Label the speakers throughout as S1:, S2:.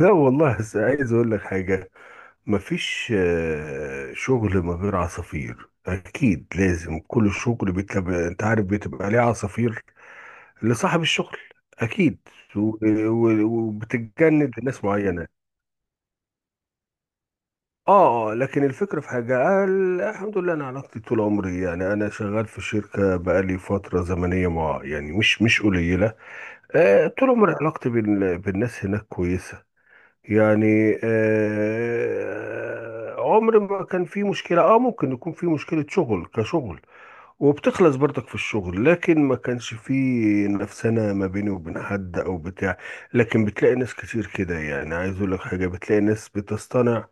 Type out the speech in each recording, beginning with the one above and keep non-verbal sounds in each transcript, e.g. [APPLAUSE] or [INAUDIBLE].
S1: لا والله بس عايز اقول لك حاجة مفيش شغل من غير عصافير اكيد لازم كل شغل بيتبقى انت عارف بتبقى ليه عصافير لصاحب الشغل اكيد و- وبتتجند ناس معينة لكن الفكرة في حاجة الحمد لله انا علاقتي طول عمري يعني انا شغال في شركة بقالي فترة زمنية مع يعني مش قليلة، طول عمري علاقتي بالناس هناك كويسة، يعني عمر ما كان في مشكلة، اه ممكن يكون في مشكلة شغل كشغل وبتخلص برضك في الشغل لكن ما كانش في نفسنا ما بيني وبين حد او بتاع، لكن بتلاقي ناس كتير كده، يعني عايز اقول لك حاجة، بتلاقي ناس بتصطنع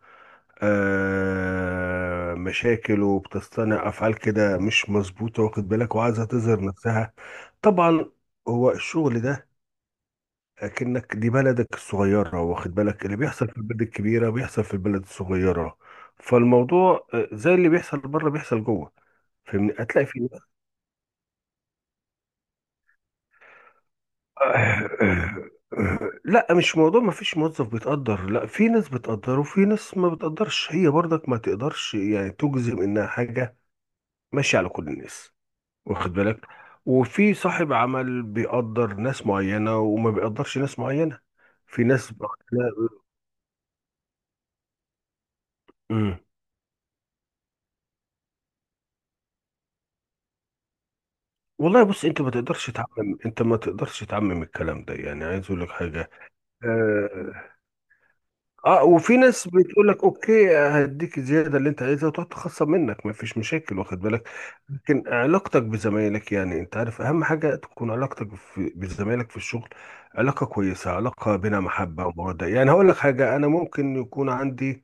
S1: مشاكل وبتصطنع افعال كده مش مظبوطة واخد بالك وعايزة تظهر نفسها. طبعا، هو الشغل ده اكنك دي بلدك الصغيرة، واخد بالك، اللي بيحصل في البلد الكبيرة بيحصل في البلد الصغيرة. فالموضوع زي اللي بيحصل بره بيحصل جوه. فاهمني، هتلاقي في ناس. [COUGHS] لا، مش موضوع ما فيش موظف بيتقدر، لا في ناس بتقدر وفي ناس ما بتقدرش، هي برضك ما تقدرش يعني تجزم انها حاجة ماشية على كل الناس، واخد بالك، وفي صاحب عمل بيقدر ناس معينة وما بيقدرش ناس معينة. في ناس لا. والله بص، انت ما تقدرش تعمم، انت ما تقدرش تعمم الكلام ده، يعني عايز اقول لك حاجه. اه، وفي ناس بتقول لك اوكي هديك الزياده اللي انت عايزها وتقعد تخصم منك، ما فيش مشاكل واخد بالك. لكن علاقتك بزمايلك، يعني انت عارف اهم حاجه تكون علاقتك في بزمايلك في الشغل علاقه كويسه، علاقه بينها محبه وموده. يعني هقول لك حاجه، انا ممكن يكون عندي،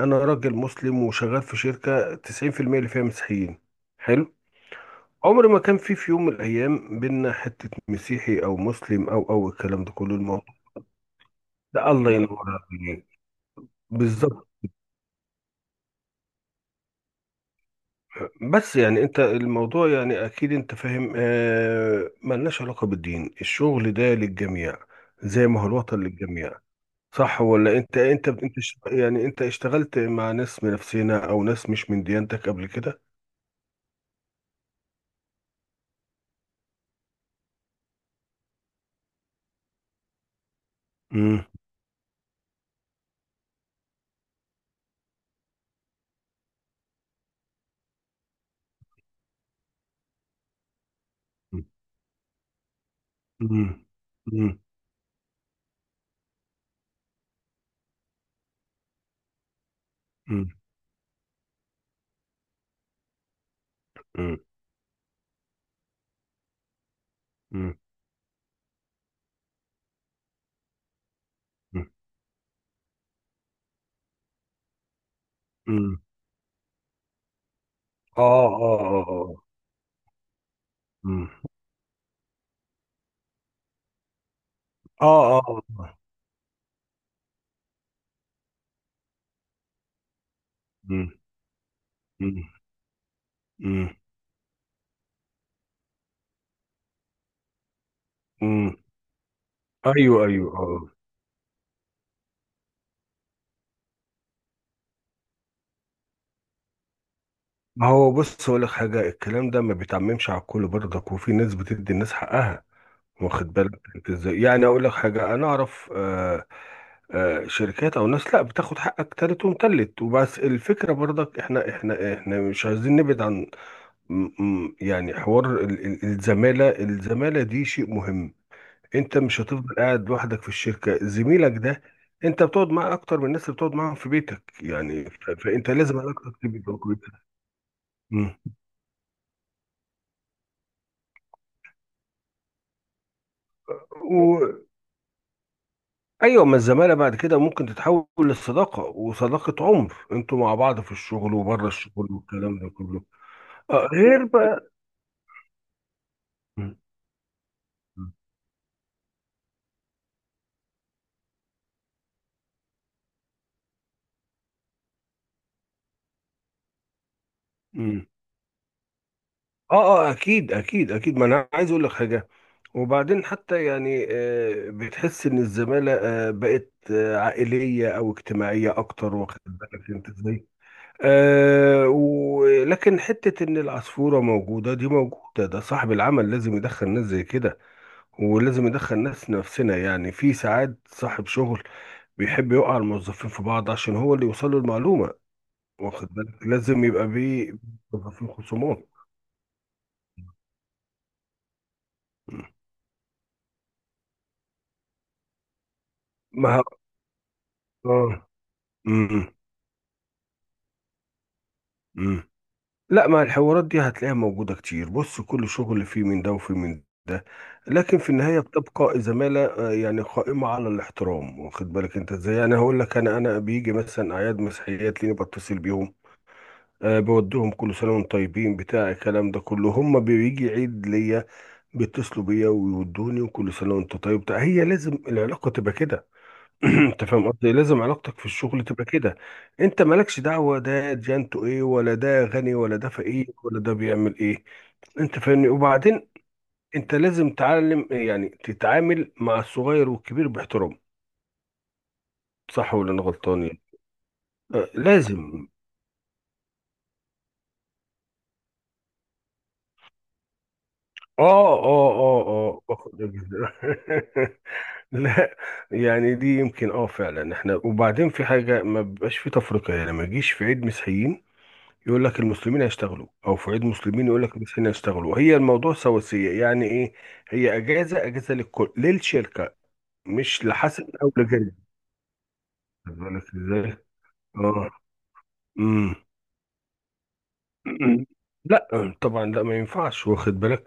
S1: انا راجل مسلم وشغال في شركه 90% اللي فيها مسيحيين. حلو، عمر ما كان في يوم من الايام بينا حته مسيحي او مسلم او الكلام ده كله، الموضوع ده الله لا ينور عليك، بالظبط. بس يعني انت الموضوع يعني اكيد انت فاهم، ملناش علاقه بالدين، الشغل ده للجميع، زي ما هو الوطن للجميع. صح ولا انت يعني انت اشتغلت مع ناس من نفسنا او ناس مش من ديانتك قبل كده؟ امم، امم، امم، امم، امم، امم، اه، اه، اه، آه. مم. اه، اه، آه، آه. مم. مم. مم. مم. ايوه، ايوه، اه، آه. ما هو بص هقول لك حاجه، الكلام ده ما بيتعممش على الكل برضك، وفي ناس بتدي الناس حقها، واخد بالك انت ازاي. يعني اقول لك حاجه، انا اعرف شركات او ناس لا بتاخد حقك تالت ومتلت وبس. الفكره برضك احنا مش عايزين نبعد عن، يعني حوار الزماله دي شيء مهم. انت مش هتفضل قاعد لوحدك في الشركه، زميلك ده انت بتقعد معاه اكتر من الناس اللي بتقعد معاهم في بيتك، يعني فانت لازم علاقتك تبقى كويسه. مم. و- ايوه، ما الزماله بعد كده ممكن تتحول للصداقه، وصداقه عمر انتوا مع بعض في الشغل وبره الشغل والكلام ده كله. غير بقى. مم. مم. اه اه اكيد اكيد اكيد، ما انا عايز اقول لك حاجه. وبعدين حتى يعني بتحس ان الزماله بقت عائليه او اجتماعيه اكتر، واخد بالك انت ازاي. ولكن حته ان العصفوره موجوده دي موجوده، ده صاحب العمل لازم يدخل ناس زي كده، ولازم يدخل ناس نفسنا. يعني في ساعات صاحب شغل بيحب يوقع الموظفين في بعض عشان هو اللي يوصل له المعلومه، واخد بالك، لازم يبقى بيه موظفين خصومات. ما ه- اه. امم. امم. لا، ما الحوارات دي هتلاقيها موجودة كتير، بص كل شغل فيه من ده وفيه من ده، لكن في النهاية بتبقى زمالة يعني قائمة على الاحترام، واخد بالك انت ازاي. يعني هقول لك، انا بيجي مثلا اعياد مسيحيات ليني بتصل بيهم، أه بودهم كل سنة وانتم طيبين بتاع الكلام ده كله، هم بيجي عيد ليا بيتصلوا بيا ويودوني، وكل سنة وانت طيب بتاع، هي لازم العلاقة تبقى كده. [CLEARS THROAT] انت فاهم قصدي، لازم علاقتك في الشغل تبقى كده، انت مالكش دعوه ده جانته ايه، ولا ده غني، ولا ده فقير، ولا ده بيعمل ايه. انت فاهمني. وبعدين انت لازم تعلم يعني تتعامل مع الصغير والكبير باحترام، صح ولا انا غلطان يعني؟ لازم. اه باخد بالك. [LAUGHS] لا، يعني دي يمكن اه فعلا احنا. وبعدين في حاجه ما بيبقاش في تفرقه يعني، ما يجيش في عيد مسيحيين يقول لك المسلمين هيشتغلوا، او في عيد مسلمين يقول لك المسيحيين هيشتغلوا، هي الموضوع سواسية يعني ايه، هي اجازة للكل، للشركة، مش لحسن او لجنة، واخد بالك ازاي. اه. امم. أمم. [CLEARS THROAT] لا طبعا، لا ما ينفعش، واخد بالك.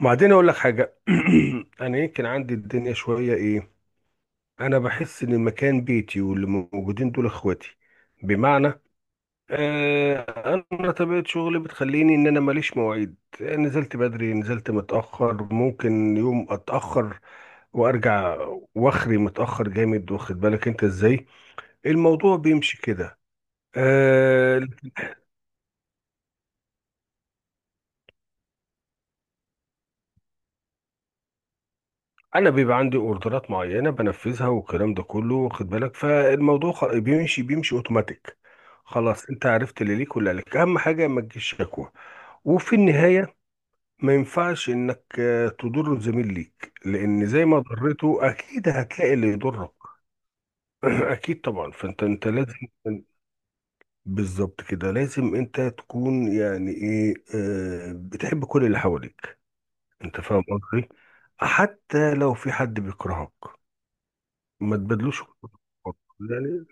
S1: وبعدين اقول لك حاجة، [CLEARS THROAT] انا يمكن عندي الدنيا شوية ايه، انا بحس ان المكان بيتي واللي موجودين دول اخواتي. بمعنى آه، انا طبيعه شغلي بتخليني ان انا ماليش مواعيد، نزلت بدري، نزلت متاخر، ممكن يوم اتاخر وارجع، واخري متاخر جامد، واخد بالك انت ازاي. الموضوع بيمشي كده. آه، انا بيبقى عندي اوردرات معينه بنفذها والكلام ده كله، واخد بالك، فالموضوع بيمشي اوتوماتيك. خلاص، انت عرفت اللي ليك واللي عليك، اهم حاجه ما تجيش شكوى. وفي النهايه، ما ينفعش انك تضر زميل ليك، لان زي ما ضرته اكيد هتلاقي اللي يضرك. [CLEARS THROAT] اكيد طبعا، فانت لازم. [CLEARS THROAT] بالظبط كده، لازم انت تكون يعني ايه بتحب كل اللي حواليك. انت فاهم قصدي، حتى لو في حد بيكرهك ما تبادلوش كرهك. يعني،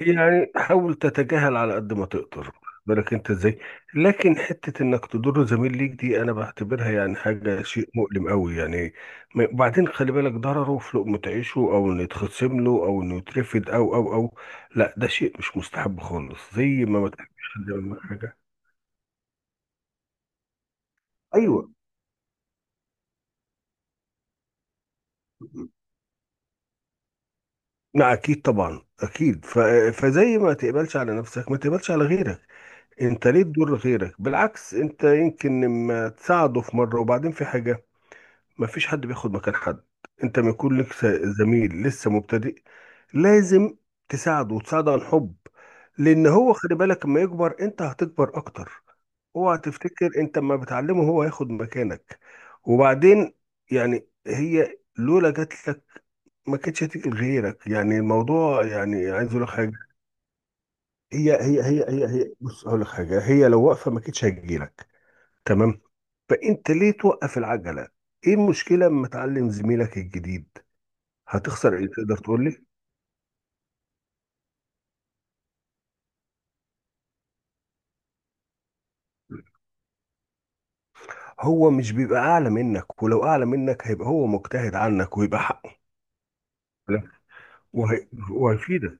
S1: يعني حاول تتجاهل على قد ما تقدر، بالك انت ازاي. لكن حتة انك تضر زميل ليك دي انا بعتبرها يعني حاجة شيء مؤلم قوي يعني، وبعدين خلي بالك ضرره في لقمة عيشه، او انه يتخصم له، او انه يترفد، او، لا ده شيء مش مستحب خالص، زي ما ما تحبش حد يعمل معاك حاجة. ايوه. لا اكيد طبعا، اكيد فزي ما تقبلش على نفسك ما تقبلش على غيرك، انت ليه تضر غيرك؟ بالعكس انت يمكن لما تساعده في مرة وبعدين في حاجة، مفيش حد بياخد مكان حد، انت ما يكون لك زميل لسه مبتدئ لازم تساعده، وتساعده عن حب، لان هو خلي بالك اما يكبر انت هتكبر اكتر، اوعى تفتكر انت اما بتعلمه هو هياخد مكانك. وبعدين يعني هي لولا جات لك ما كانتش هتيجي لغيرك. يعني الموضوع يعني عايز اقول لك حاجه، هي بص اقول لك حاجه، هي لو واقفه ما كانتش هتجي لك، تمام؟ فانت ليه توقف العجله؟ ايه المشكله اما تعلم زميلك الجديد؟ هتخسر ايه تقدر تقول لي؟ هو مش بيبقى اعلى منك، ولو اعلى منك هيبقى هو مجتهد عنك ويبقى حقه. لا. وهيفيدك،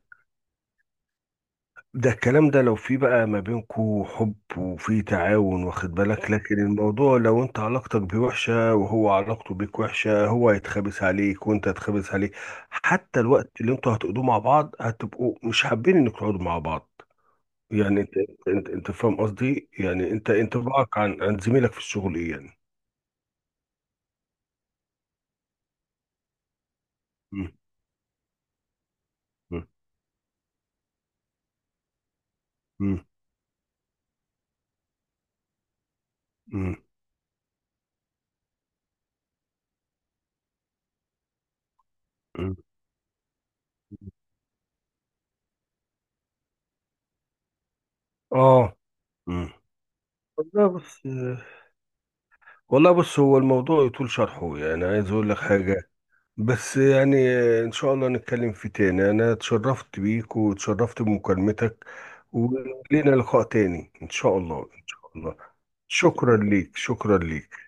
S1: ده الكلام ده لو في بقى ما بينكو حب وفي تعاون، واخد بالك، لكن الموضوع لو انت علاقتك بيه وحشة وهو علاقته بيك وحشة، هو هيتخابس عليك وانت هتخابس عليه، حتى الوقت اللي انتوا هتقضوه مع بعض هتبقوا مش حابين انك تقعدوا مع بعض. يعني انت، انت فاهم قصدي، يعني انت انطباعك عن زميلك في الشغل ايه يعني؟ م- م- م. مم. مم. اه. مم. والله بص والله بص، هو الموضوع يطول شرحه، يعني عايز اقول لك حاجة بس يعني، ان شاء الله نتكلم فيه تاني، انا اتشرفت بيك واتشرفت بمكالمتك، ولينا لقاء تاني ان شاء الله ان شاء الله. شكرا ليك، شكرا ليك.